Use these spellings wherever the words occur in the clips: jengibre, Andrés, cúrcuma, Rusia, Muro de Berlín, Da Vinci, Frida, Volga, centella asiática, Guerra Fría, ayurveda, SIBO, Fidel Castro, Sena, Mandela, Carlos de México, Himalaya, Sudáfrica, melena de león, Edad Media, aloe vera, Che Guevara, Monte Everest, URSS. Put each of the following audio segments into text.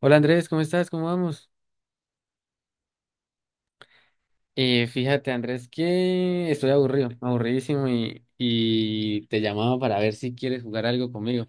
Hola Andrés, ¿cómo estás? ¿Cómo vamos? Fíjate Andrés que estoy aburrido, aburridísimo y te llamaba para ver si quieres jugar algo conmigo.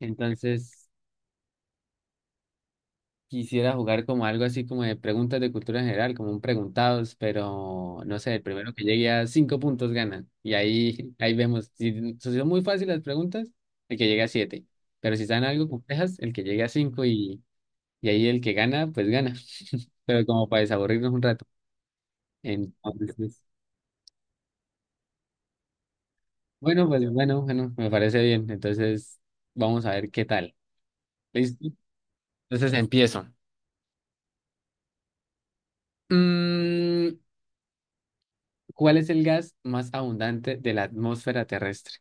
Entonces quisiera jugar como algo así como de preguntas de cultura general, como un preguntados, pero no sé, el primero que llegue a cinco puntos gana. Y ahí vemos, si son muy fáciles las preguntas, el que llegue a siete. Pero si están algo complejas, el que llegue a cinco y ahí el que gana, pues gana. Pero como para desaburrirnos un rato. Entonces... Bueno, pues bueno, bueno, me parece bien. Entonces, vamos a ver qué tal. ¿Listo? Entonces empiezo. Mm, ¿Cuál es el gas más abundante de la atmósfera terrestre?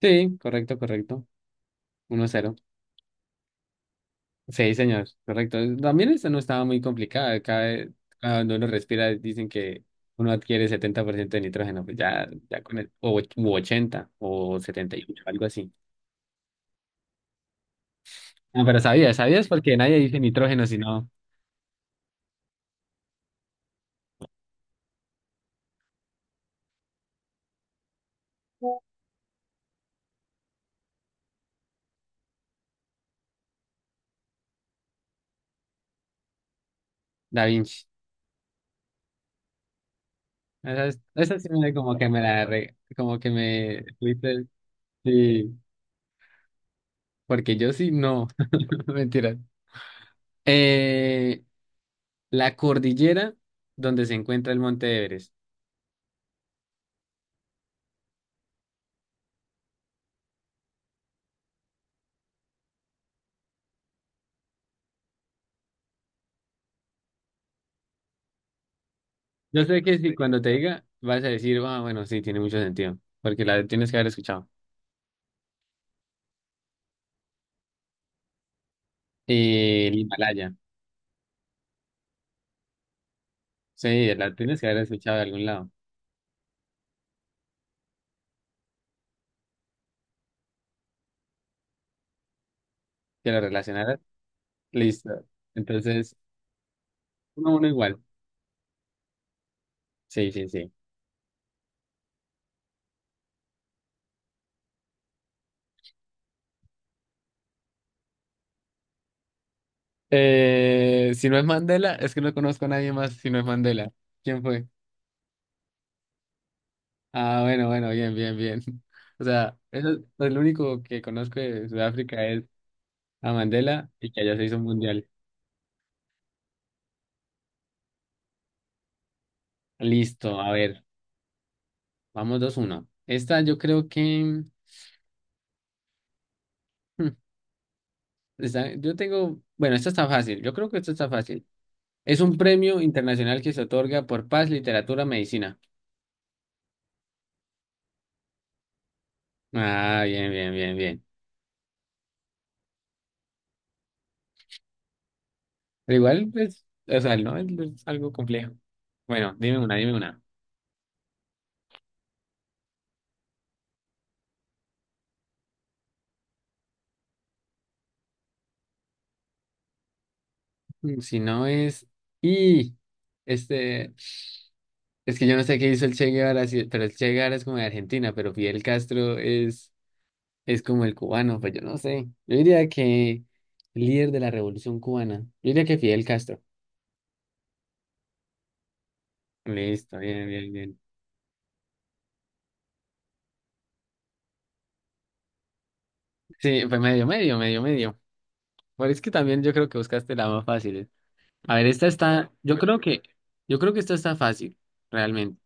Sí, correcto, correcto. 1-0. Sí, señor, correcto. También esta no estaba muy complicada. Cada cuando uno respira dicen que uno adquiere 70% de nitrógeno. Pues ya, ya con el u 80 o 78, algo así. No, pero sabías, sabías porque nadie dice nitrógeno, sino Da Vinci. Esa, esa sí me como que como que me fuiste, sí, porque yo sí no, mentira. Eh, la cordillera donde se encuentra el Monte Everest. Yo sé que si cuando te diga vas a decir, ah, bueno, sí, tiene mucho sentido, porque la tienes que haber escuchado. El Himalaya, sí, la tienes que haber escuchado de algún lado, que lo relacionaras, listo. Entonces, 1-1 igual, sí, sí, sí. Si no es Mandela, es que no conozco a nadie más si no es Mandela. ¿Quién fue? Ah, bueno, bueno, bien, bien, bien. O sea, eso es el único que conozco de Sudáfrica es a Mandela y que allá se hizo un mundial. Listo, a ver, vamos 2-1. Esta yo creo que... hmm, yo tengo... Bueno, esta está fácil, yo creo que esta está fácil. Es un premio internacional que se otorga por paz, literatura, medicina. Ah, bien, bien, bien, bien. Pero igual, pues, o sea, no es, no es algo complejo. Bueno, dime una, dime una. Mm, si no es... Y... Este... Es que yo no sé qué hizo el Che Guevara, pero el Che Guevara es como de Argentina, pero Fidel Castro es como el cubano, pues yo no sé. Yo diría que el líder de la revolución cubana. Yo diría que Fidel Castro. Listo, bien, bien, bien. Sí, fue medio, medio, medio, medio. Pero es que también yo creo que buscaste la más fácil, ¿eh? A ver, esta está, yo creo que esta está fácil, realmente.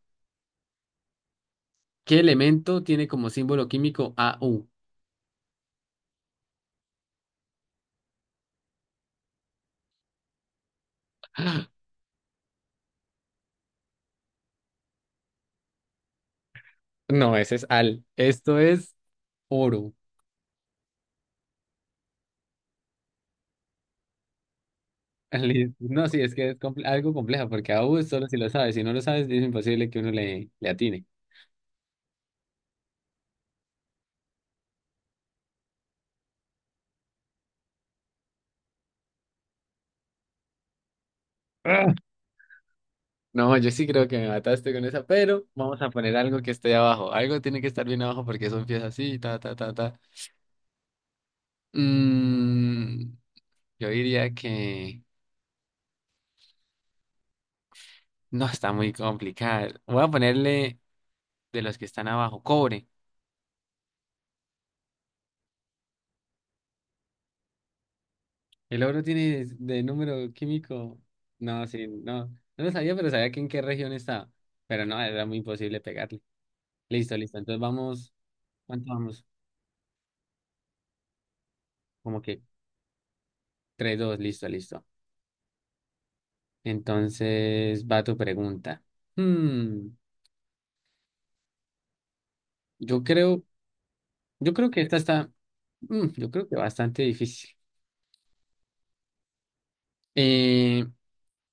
¿Qué elemento tiene como símbolo químico Au? No, ese es al. Esto es oro. Listo. No, sí, es que es algo complejo, porque a U solo si lo sabes, si no lo sabes, es imposible que uno le atine. Ah. No, yo sí creo que me mataste con esa, pero vamos a poner algo que esté abajo. Algo tiene que estar bien abajo porque eso empieza así, ta, ta, ta, ta. Mm, yo diría que no está muy complicado. Voy a ponerle de los que están abajo, cobre. El oro tiene de número químico. No, sí, no. No lo sabía, pero sabía que en qué región estaba. Pero no, era muy imposible pegarle. Listo, listo. Entonces vamos, ¿cuánto vamos? Como que 3-2, listo, listo. Entonces va tu pregunta. Hmm, yo creo, yo creo que esta está, yo creo que bastante difícil. Eh,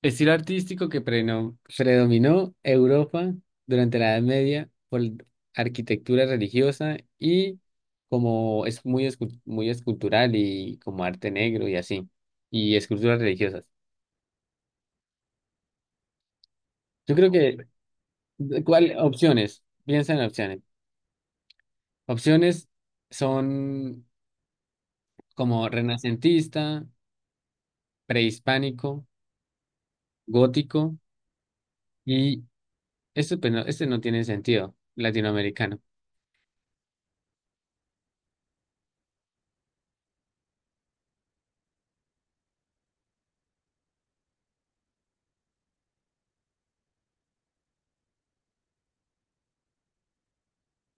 estilo artístico que predominó Europa durante la Edad Media por arquitectura religiosa y como es muy, muy escultural y como arte negro y así, y esculturas religiosas. Yo creo que ¿De ¿cuál? Opciones. Piensa en opciones. Opciones son como renacentista, prehispánico, gótico y esto, pues, no, este no tiene sentido, latinoamericano.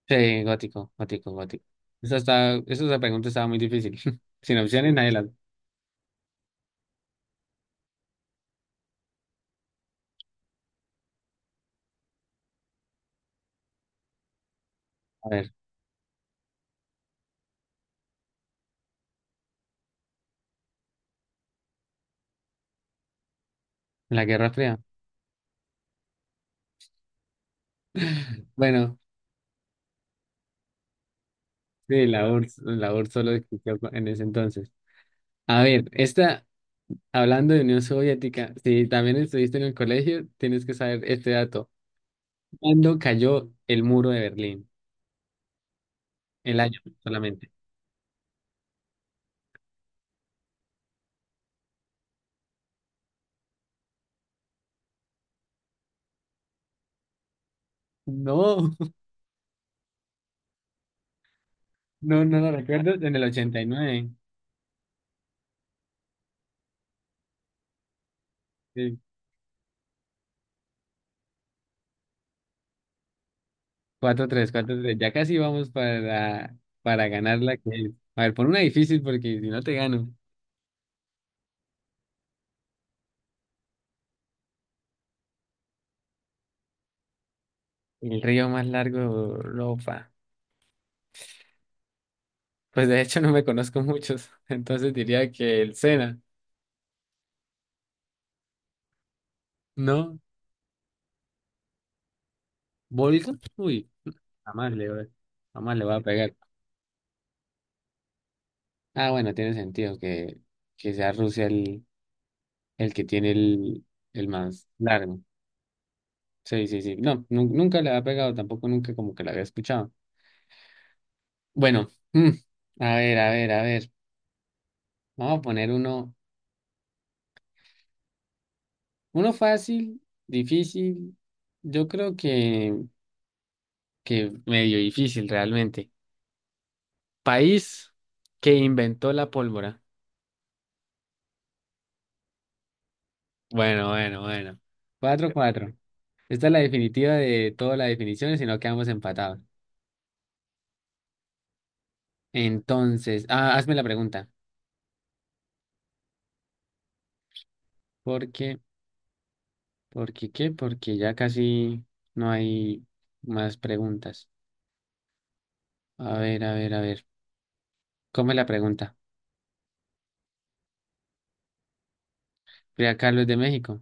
Sí, gótico, gótico, gótico. Esa, esa pregunta estaba muy difícil. Sin opciones, nadie la... A ver, la Guerra Fría. Bueno, sí, la URSS solo existió en ese entonces. A ver, esta, hablando de Unión Soviética, si también estuviste en el colegio, tienes que saber este dato. ¿Cuándo cayó el muro de Berlín? El año solamente. No, no, no lo recuerdo. En el 89. Sí, 4-3, 4-3. Ya casi vamos para, ganar la que es. A ver, pon una difícil porque si no te gano. El río más largo de Europa. Pues de hecho no me conozco muchos. Entonces diría que el Sena. ¿No? ¿Volga? Uy, jamás le, voy- jamás le voy a pegar. Ah, bueno, tiene sentido que sea Rusia el que tiene el más largo. Sí, sí, sí. No, nunca la había pegado, tampoco nunca como que la había escuchado. Bueno, a ver, a ver, a ver. Vamos a poner uno, uno fácil, difícil. Yo creo que medio difícil realmente. País que inventó la pólvora. Bueno, bueno, bueno. 4-4. Esta es la definitiva de todas las definiciones, si no quedamos empatados. Entonces, ah, hazme la pregunta. ¿Por qué? ¿Por qué qué? Porque ya casi no hay más preguntas. A ver, a ver, a ver. ¿Cómo es la pregunta? Frida Carlos de México.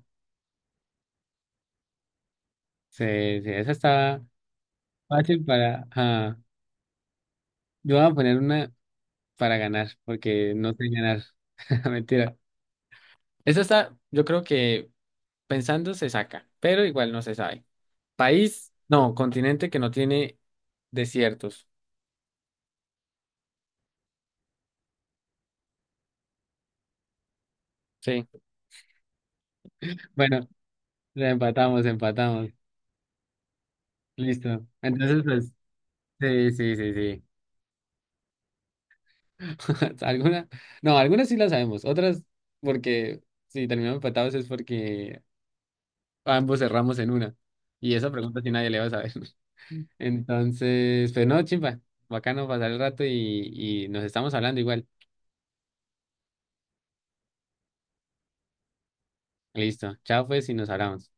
Sí, sí, esa está fácil para. Ah, yo voy a poner una para ganar, porque no sé ganar. Mentira. Esa está, yo creo que pensando se saca, pero igual no se sabe. País, no, continente que no tiene desiertos. Sí. Bueno, la empatamos, empatamos. Listo. Entonces, pues, sí, sí, sí, sí. Algunas, no, algunas sí las sabemos, otras porque si terminamos empatados es porque ambos cerramos en una. Y esa pregunta sí nadie le va a saber. Entonces, pero no, chimpa, bacano pasar el rato y nos estamos hablando igual. Listo, chao pues y nos hablamos.